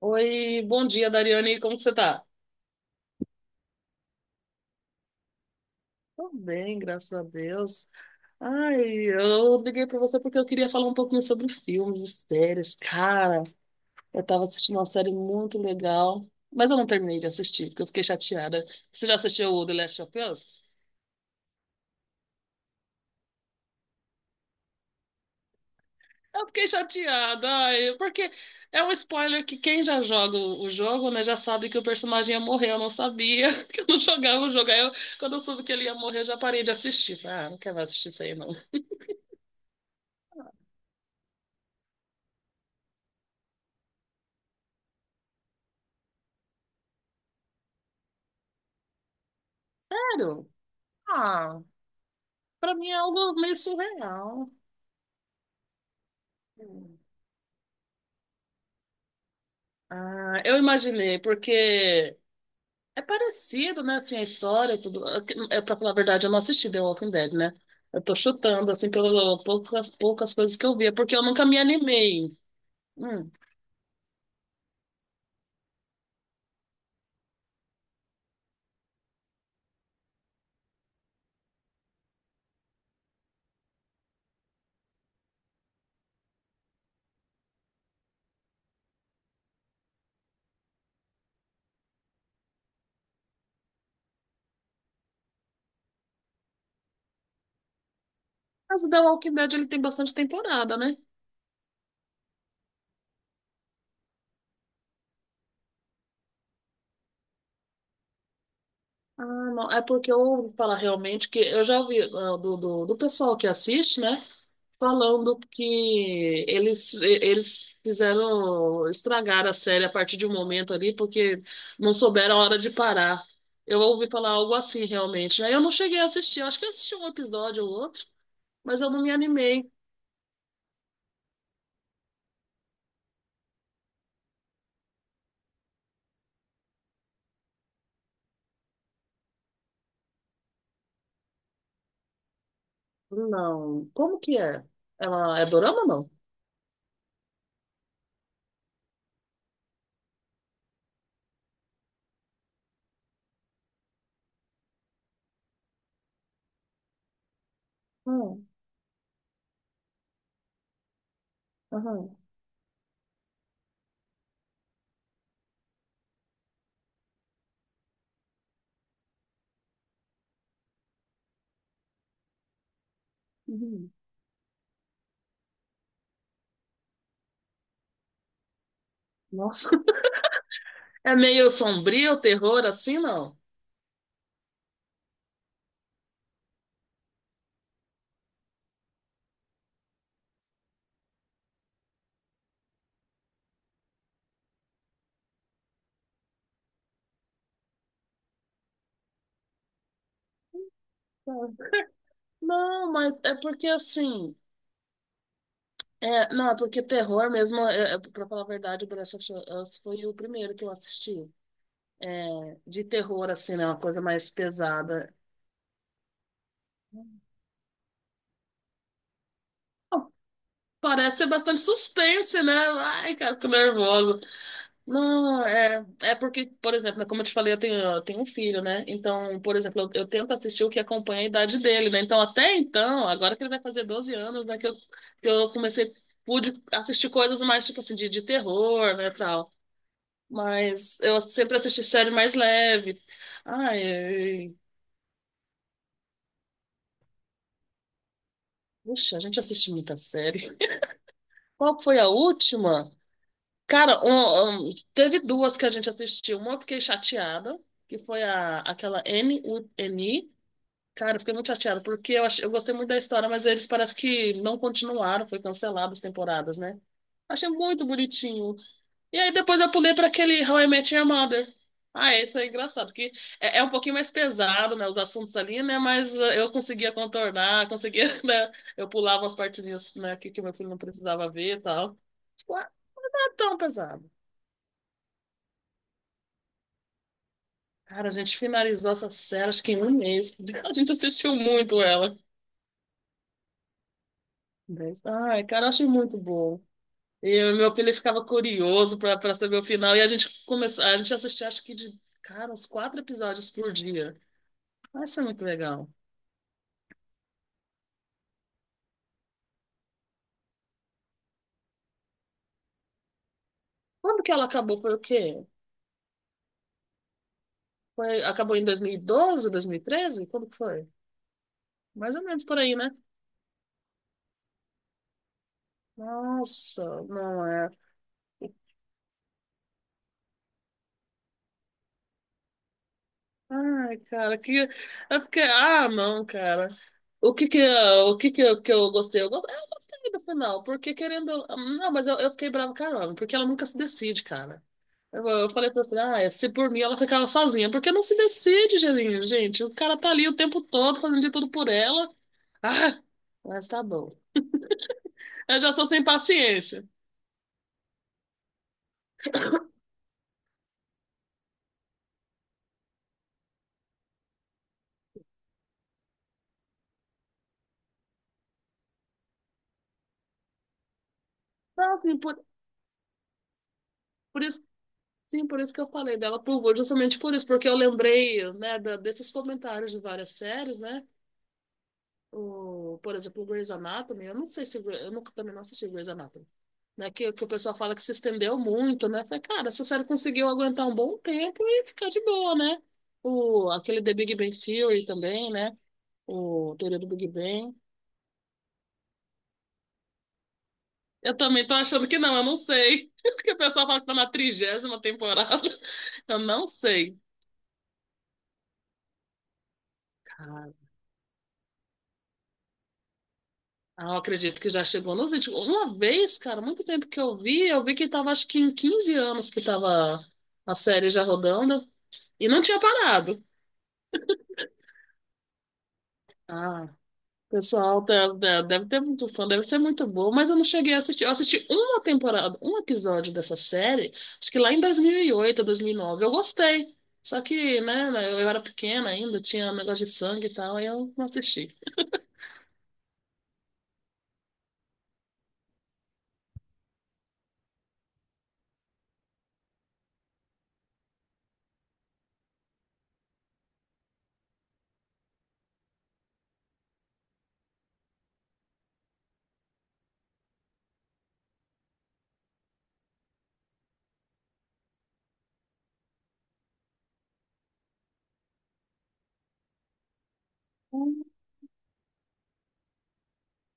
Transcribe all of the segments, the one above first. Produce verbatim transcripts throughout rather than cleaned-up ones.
Oi, bom dia, Dariane. Como que você tá? Tô bem, graças a Deus. Ai, eu liguei pra você porque eu queria falar um pouquinho sobre filmes e séries. Cara, eu tava assistindo uma série muito legal, mas eu não terminei de assistir, porque eu fiquei chateada. Você já assistiu o The Last of Us? Eu fiquei chateada, ai, porque é um spoiler que quem já joga o o jogo, né, já sabe que o personagem ia morrer. Eu não sabia que eu não jogava o jogo. Aí eu, quando eu soube que ele ia morrer, eu já parei de assistir. Falei, ah, não quero mais assistir isso aí, não. Sério? Ah, pra mim é algo meio surreal. Hum. Ah, eu imaginei, porque é parecido, né, assim, a história, tudo. É, pra falar a verdade, eu não assisti The Walking Dead, né? Eu tô chutando, assim, pelas poucas, poucas coisas que eu via, porque eu nunca me animei. Hum. Mas o The Walking Dead, ele tem bastante temporada, né? Ah, não, é porque eu ouvi falar realmente que eu já ouvi ah, do, do, do pessoal que assiste, né? Falando que eles, eles fizeram estragar a série a partir de um momento ali, porque não souberam a hora de parar. Eu ouvi falar algo assim, realmente. Aí eu não cheguei a assistir, eu acho que eu assisti um episódio ou outro, mas eu não me animei. Não. Como que é? Ela é dorama ou não? Hum, aham, uhum. Nossa. É meio sombrio, terror, assim, não? Tá. Não, mas é porque assim. É, não, é porque terror mesmo, é, é, pra falar a verdade, o The Last of Us foi o primeiro que eu assisti. É, de terror, assim, né? Uma coisa mais pesada. Parece ser bastante suspense, né? Ai, cara, fico nervosa. Não, é, é porque, por exemplo, né, como eu te falei, eu tenho, eu tenho um filho, né? Então, por exemplo, eu, eu tento assistir o que acompanha a idade dele, né? Então, até então, agora que ele vai fazer doze anos, né? Que eu, que eu comecei, pude assistir coisas mais, tipo assim, de, de terror, né? Tal. Mas eu sempre assisti série mais leve. Ai, ai. Puxa, a gente assiste muita série. Qual foi a última? Cara, um- um, teve duas que a gente assistiu. Uma eu fiquei chateada, que foi a, aquela N, U, N, I. Cara, eu fiquei muito chateada, porque eu, achei, eu gostei muito da história, mas eles parece que não continuaram, foi cancelado as temporadas, né? Achei muito bonitinho. E aí depois eu pulei pra aquele How I Met Your Mother. Ah, esse é engraçado, porque é, é um pouquinho mais pesado, né, os assuntos ali, né, mas eh, eu conseguia contornar, conseguia, né, eu pulava as partezinhas, né, que, que meu filho não precisava ver e tal. Tipo, ah, não é tão pesado. Cara, a gente finalizou essa série, acho que em um mês. A gente assistiu muito ela. Dez- Ai, cara, eu achei muito bom. E o meu filho ficava curioso pra, pra saber o final, e a gente começou, a gente assistia, acho que de, cara, uns quatro episódios por dia. Mas foi muito legal. Quando que ela acabou? Foi o quê? Foi, acabou em dois dois mil mil e doze, dois mil e treze? Quando que foi? Mais ou menos por aí, né? Nossa, não é. Ai, cara, que. Eu fiquei. Ah, não, cara. O que que, eu- o que que eu, que eu gostei? Eu gos- eu gostei do final, porque querendo. Não, mas eu, eu fiquei bravo, caramba, porque ela nunca se decide, cara. Eu, eu falei pra ela, ah, se por mim ela ficava sozinha, porque não se decide, gente. Gente. O cara tá ali o tempo todo fazendo de tudo por ela. Ah, mas tá bom. Eu já sou sem paciência. Não, assim, por, por isso, sim, por isso que eu falei dela por Vô, justamente por isso, porque eu lembrei, né, da- desses comentários de várias séries, né? O, por exemplo, o Grey's Anatomy, eu não sei se Grey- eu nunca também não assisti Grey's Anatomy, né? Que, que o pessoal fala que se estendeu muito, né? Eu falei, cara, essa série conseguiu aguentar um bom tempo e ficar de boa, né? O, aquele The Big Bang Theory também, né? O Teoria do Big Bang. Eu também tô achando que não, eu não sei. Porque o pessoal fala que tá na trigésima temporada. Eu não sei. Cara, ah, eu acredito que já chegou nos vinte. Uma vez, cara, muito tempo que eu vi, eu vi que tava acho que em quinze anos que tava a série já rodando e não tinha parado. Ah, pessoal, tá- tá- deve ter muito fã, deve ser muito boa, mas eu não cheguei a assistir. Eu assisti uma temporada, um episódio dessa série, acho que lá em dois mil e oito, dois mil e nove. Eu gostei. Só que, né, eu eu era pequena ainda, tinha negócio de sangue e tal, aí eu não assisti.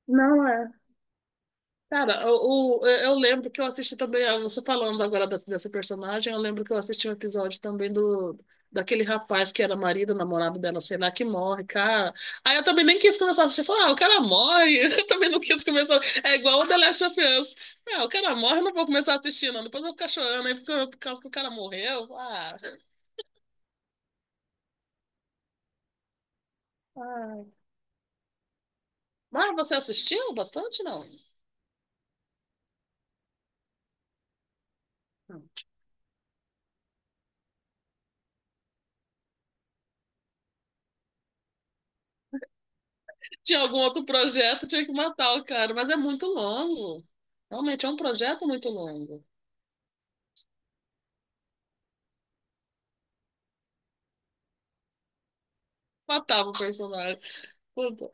Não é. Cara, o, o- eu lembro que eu assisti também, ah, você falando agora dessa, dessa personagem, eu lembro que eu assisti um episódio também do daquele rapaz que era marido, namorado dela, sei lá, que morre, cara. Aí eu também nem quis começar a assistir, falar, ah, o cara morre, eu também não quis começar, é igual o The Last of Us. Ah, o cara morre, eu não vou começar a assistir, não, depois eu vou ficar chorando aí por, por causa que o cara morreu, ah. Ai. Mas você assistiu bastante, não? Tinha algum outro projeto, tinha que matar o cara, mas é muito longo. Realmente é um projeto muito longo. Matava o personagem. Puta.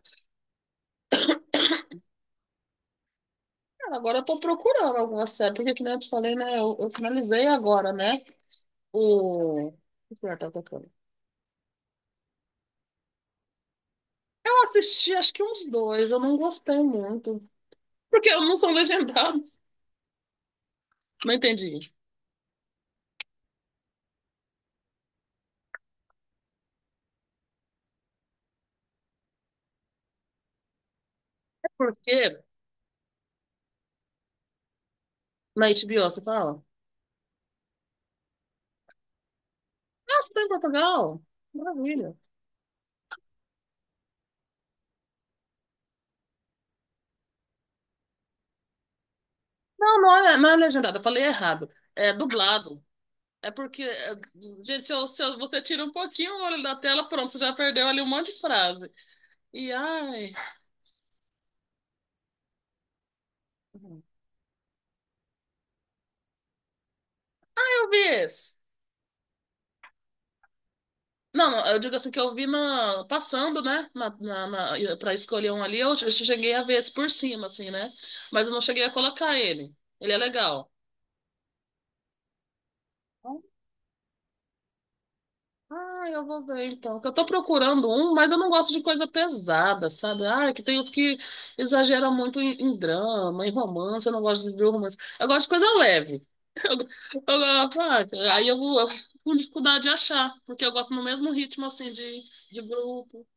Cara, agora eu tô procurando alguma série, porque que nem eu te falei, né? Eu, eu finalizei agora, né? O. O que eu tava tocando? Eu assisti acho que uns dois, eu não gostei muito. Porque não são legendados. Não entendi. É porque na H B O você fala, nossa, tá em Portugal? Maravilha. Não, não é, não é legendado, eu falei errado. É dublado. É porque, é, gente, se, eu- se eu- você tira um pouquinho o olho da tela, pronto, você já perdeu ali um monte de frase. E ai, eu vi esse. Não, não, eu digo assim que eu vi na, passando, né? Na, na, na- pra escolher um ali, eu che- cheguei a ver esse por cima, assim, né? Mas eu não cheguei a colocar ele. Ele é legal. Ah, eu vou ver então. Porque eu tô procurando um, mas eu não gosto de coisa pesada, sabe? Ah, é que tem os que exageram muito em, em drama, em romance. Eu não gosto de ver romance. Eu gosto de coisa leve. Eu, eu, ah, aí eu vou, eu fico com dificuldade de achar, porque eu gosto no mesmo ritmo assim de, de grupo.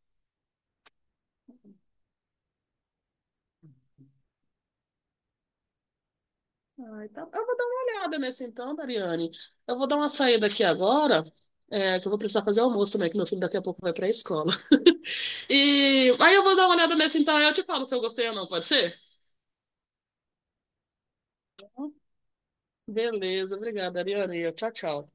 Ah, então, eu vou dar uma olhada nesse então, Dariane. Eu vou dar uma saída aqui agora, é, que eu vou precisar fazer almoço também, que meu filho daqui a pouco vai para a escola. E aí eu vou dar uma olhada nesse então, aí eu te falo se eu gostei ou não, pode ser? Beleza, obrigada, Ariane. Tchau, tchau.